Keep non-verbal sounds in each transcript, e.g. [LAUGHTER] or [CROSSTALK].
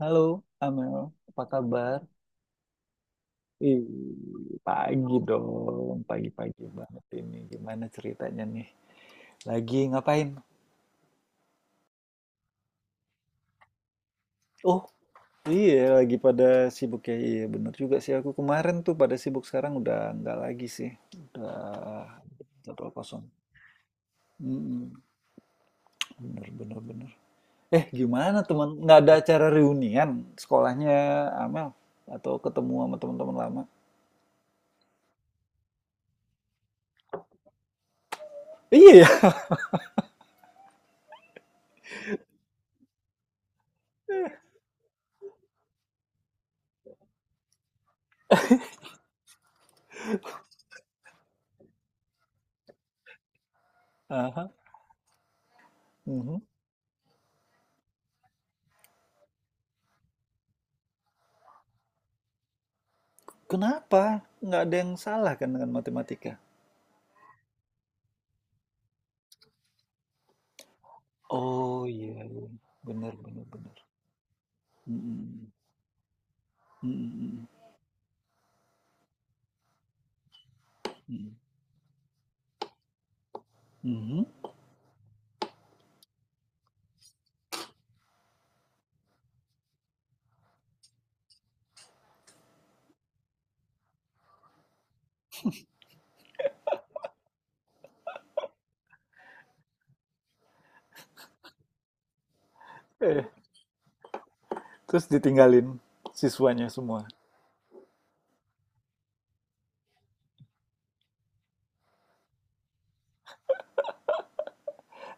Halo, Amel. Apa kabar? Ih, pagi dong. Pagi-pagi banget ini. Gimana ceritanya nih? Lagi ngapain? Oh, iya. Lagi pada sibuk ya. Iya, bener juga sih. Aku kemarin tuh pada sibuk. Sekarang udah nggak lagi sih. Udah jadwal kosong. Mm-mm. Bener, bener, bener. Eh, gimana teman? Nggak ada acara reunian sekolahnya Amel? Atau ketemu sama teman-teman lama? Iya ya? [LAUGHS] Aha. Mhm. Kenapa? Nggak ada yang salah kan dengan matematika? Oh, iya iya. Benar benar. Bener. Mhm mhm. Mhm mhm mhm. Mhm. Eh, terus ditinggalin siswanya semua.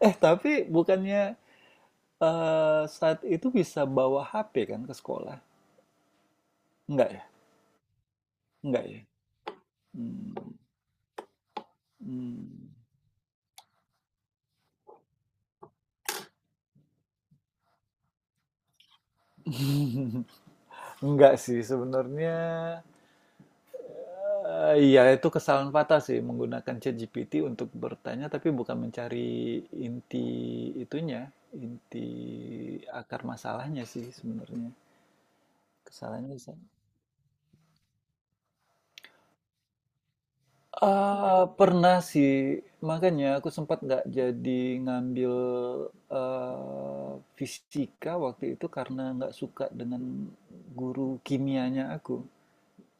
Eh, tapi bukannya, saat itu bisa bawa HP kan ke sekolah? Enggak ya? Enggak ya? Mmm, mmm. [LAUGHS] Enggak sih sebenarnya. Eh, iya, itu kesalahan fatal sih menggunakan ChatGPT untuk bertanya, tapi bukan mencari inti itunya, inti akar masalahnya sih sebenarnya. Kesalahannya di sana. Ah, pernah sih, makanya aku sempat nggak jadi ngambil, eh, fisika waktu itu karena nggak suka dengan guru kimianya aku.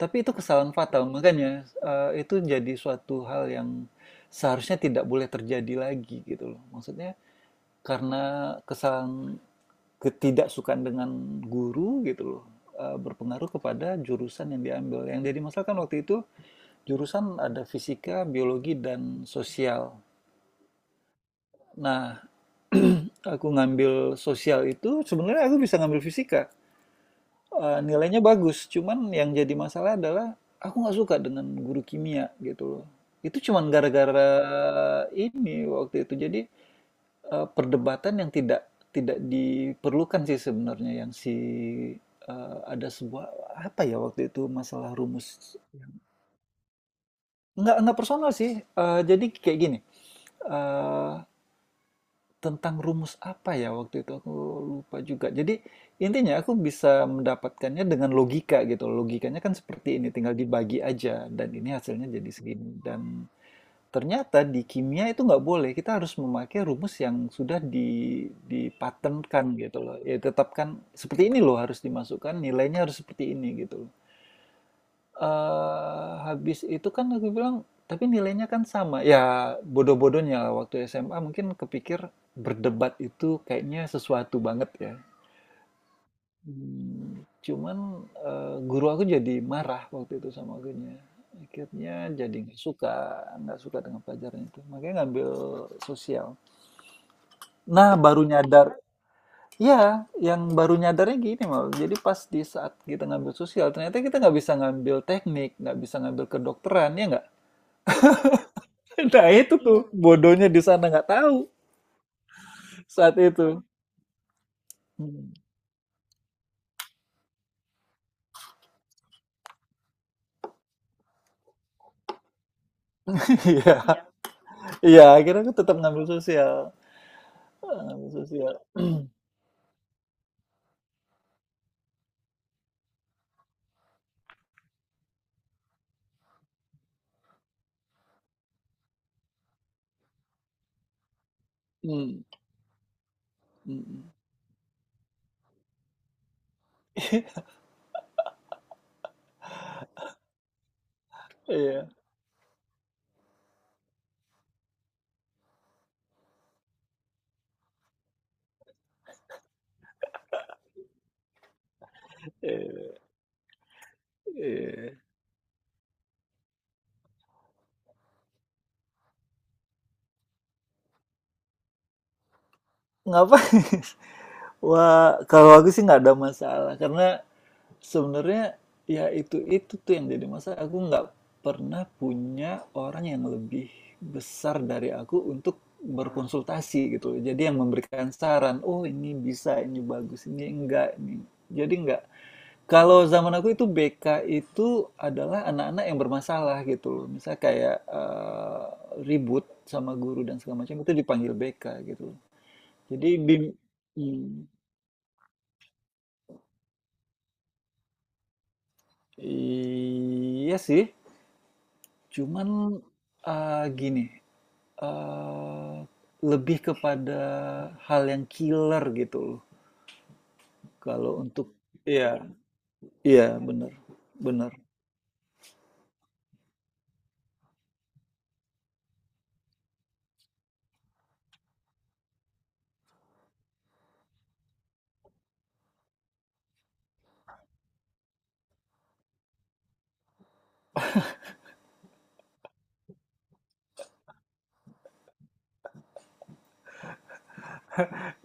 Tapi itu kesalahan fatal, makanya, itu jadi suatu hal yang seharusnya tidak boleh terjadi lagi gitu loh. Maksudnya karena kesalahan ketidaksukaan dengan guru gitu loh, berpengaruh kepada jurusan yang diambil. Yang jadi masalah kan waktu itu jurusan ada fisika, biologi, dan sosial. Nah, [CLEARS THROAT] aku ngambil sosial itu sebenarnya aku bisa ngambil fisika. Eh, nilainya bagus. Cuman yang jadi masalah adalah aku nggak suka dengan guru kimia gitu loh. Itu cuman gara-gara ini waktu itu. Jadi, eh, perdebatan yang tidak tidak diperlukan sih sebenarnya yang si, eh, ada sebuah apa ya waktu itu masalah rumus. Nggak personal sih. Eh, jadi kayak gini. Eh, tentang rumus apa ya waktu itu aku lupa juga. Jadi intinya aku bisa mendapatkannya dengan logika gitu. Logikanya kan seperti ini, tinggal dibagi aja dan ini hasilnya jadi segini. Dan ternyata di kimia itu nggak boleh. Kita harus memakai rumus yang sudah di dipatenkan gitu loh. Ya tetapkan seperti ini loh harus dimasukkan, nilainya harus seperti ini gitu loh. Habis itu kan aku bilang, "Tapi nilainya kan sama." Ya bodoh-bodohnya lah waktu SMA mungkin kepikir berdebat itu kayaknya sesuatu banget ya. Mmm, cuman, guru aku jadi marah waktu itu sama gurunya. Akhirnya jadi nggak suka dengan pelajaran itu, makanya ngambil sosial. Nah baru nyadar, ya yang baru nyadarnya gini Mal, jadi pas di saat kita ngambil sosial ternyata kita nggak bisa ngambil teknik, nggak bisa ngambil kedokteran, ya nggak? [LAUGHS] Nah itu tuh, iya. Bodohnya di sana nggak tahu saat itu. Oh, hmm. [LAUGHS] Iya, iya. Iya akhirnya aku tetap ngambil sosial. Ah, ngambil sosial. [CLEARS THROAT] Hmm, mhm. Iya, iya, iya. Ngapain? [LAUGHS] Wah, kalau aku sih nggak ada masalah karena sebenarnya, ya itu tuh yang jadi masalah, aku nggak pernah punya orang yang lebih besar dari aku untuk berkonsultasi gitu. Jadi yang memberikan saran, oh ini bisa, ini bagus, ini enggak, ini. Jadi enggak. Kalau zaman aku itu BK itu adalah anak-anak yang bermasalah gitu. Misal kayak, eh, ribut sama guru dan segala macam itu dipanggil BK gitu. Jadi di, hmm, iya sih, cuman, gini, eee, lebih kepada hal yang killer gitu loh, kalau untuk, iya iya, bener bener.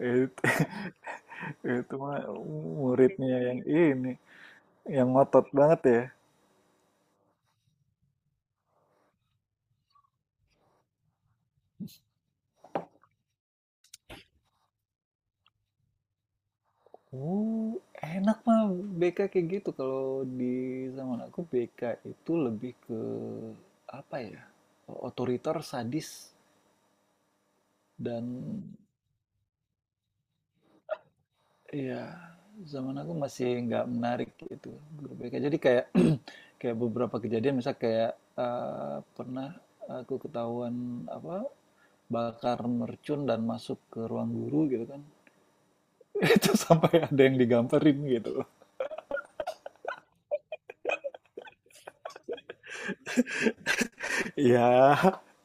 Itu [LAUGHS] itu mah muridnya yang ini, yang ngotot banget ya. Enak mah BK kayak gitu, kalau di zaman aku BK itu lebih ke, apa ya, otoriter, sadis, dan iya, zaman aku masih nggak menarik gitu guru BK. Jadi kayak [CLEARS THROAT] kayak beberapa kejadian, misal kayak, eh, pernah aku ketahuan apa bakar mercun dan masuk ke ruang guru gitu kan. [LAUGHS] Itu sampai ada yang digamperin gitu. Iya,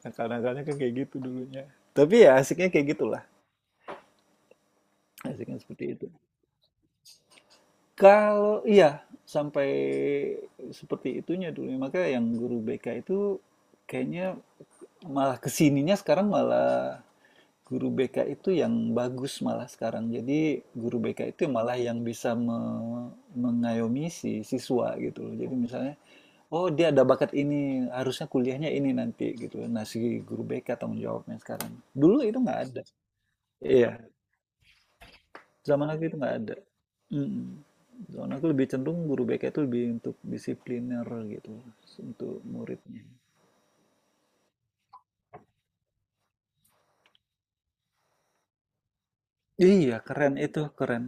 nah, kadang-kadang kan kayak gitu dulunya. Tapi ya asiknya kayak gitulah. Asiknya seperti itu. Kalau iya sampai seperti itunya dulu, maka yang guru BK itu kayaknya. Malah kesininya sekarang malah guru BK itu yang bagus malah sekarang. Jadi guru BK itu malah yang bisa me- mengayomi si siswa gitu loh. Jadi misalnya, oh dia ada bakat ini, harusnya kuliahnya ini nanti gitu. Nah si guru BK tanggung jawabnya sekarang. Dulu itu nggak ada. Iya, zaman aku itu nggak ada. Mm-mm. Zaman aku lebih cenderung guru BK itu lebih untuk disipliner gitu, untuk muridnya. Iya, keren itu, keren.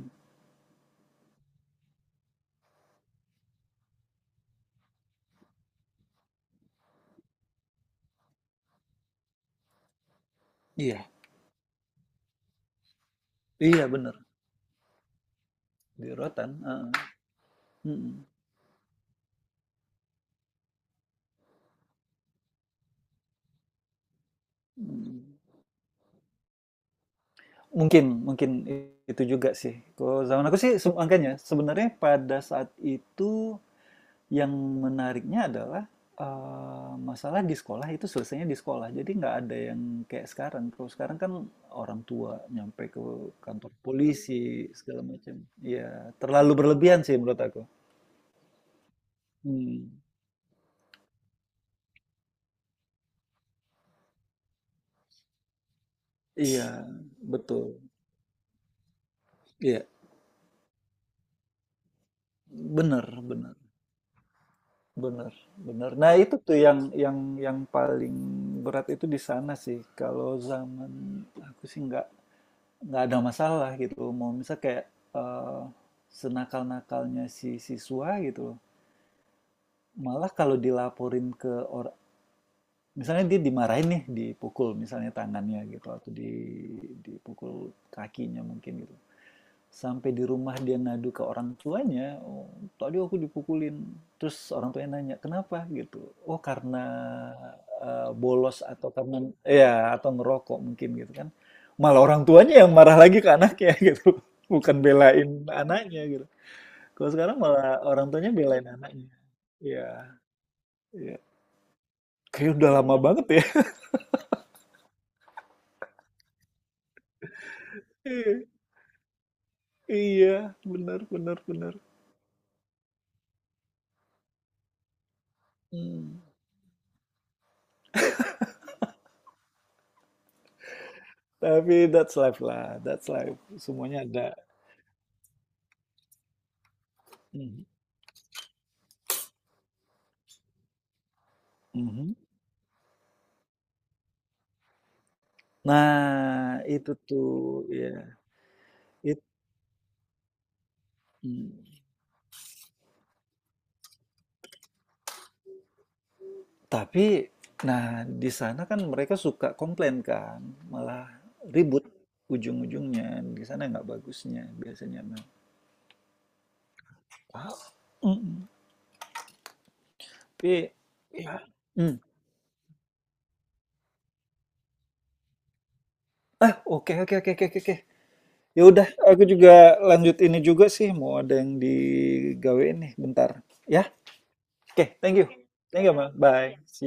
Iya, iya bener. Di heeh, mhm mhm. Mungkin mungkin itu juga sih. Kalau zaman aku sih se makanya sebenarnya pada saat itu yang menariknya adalah, masalah di sekolah itu selesainya di sekolah. Jadi nggak ada yang kayak sekarang. Kalau sekarang kan orang tua nyampe ke kantor polisi segala macam. Iya, terlalu berlebihan sih menurut aku. Mhm, iya, betul. Iya, bener bener. Bener, bener. Nah, itu tuh yang yang paling berat itu di sana sih. Kalau zaman aku sih nggak ada masalah gitu. Mau misal kayak, eh, senakal-nakalnya si siswa gitu. Malah kalau dilaporin ke orang, misalnya dia dimarahin nih, dipukul misalnya tangannya gitu atau di dipukul kakinya mungkin gitu. Sampai di rumah dia ngadu ke orang tuanya, "Oh, tadi aku dipukulin." Terus orang tuanya nanya, "Kenapa?" gitu. "Oh, karena, bolos atau karena" ya atau ngerokok mungkin gitu kan. Malah orang tuanya yang marah lagi ke anaknya [LAUGHS] gitu, bukan belain anaknya gitu. Kalau sekarang malah orang tuanya belain anaknya. Iya iya. Kayaknya udah lama banget ya. [LAUGHS] Iya benar benar benar. Bener. Mhm. Tapi that's life lah, that's life. Semuanya ada mhm, mhm. Nah, itu tuh, ya it mhm, tapi nah di sana kan mereka suka komplain kan, malah ribut ujung-ujungnya, di sana nggak bagusnya biasanya mah. Ah, mhm, tapi ya, mmm, ah, oke oke oke oke oke. Oke. Ya udah aku juga lanjut ini juga sih, mau ada yang digawe nih bentar, ya? Oke, thank you, ma bye, see you.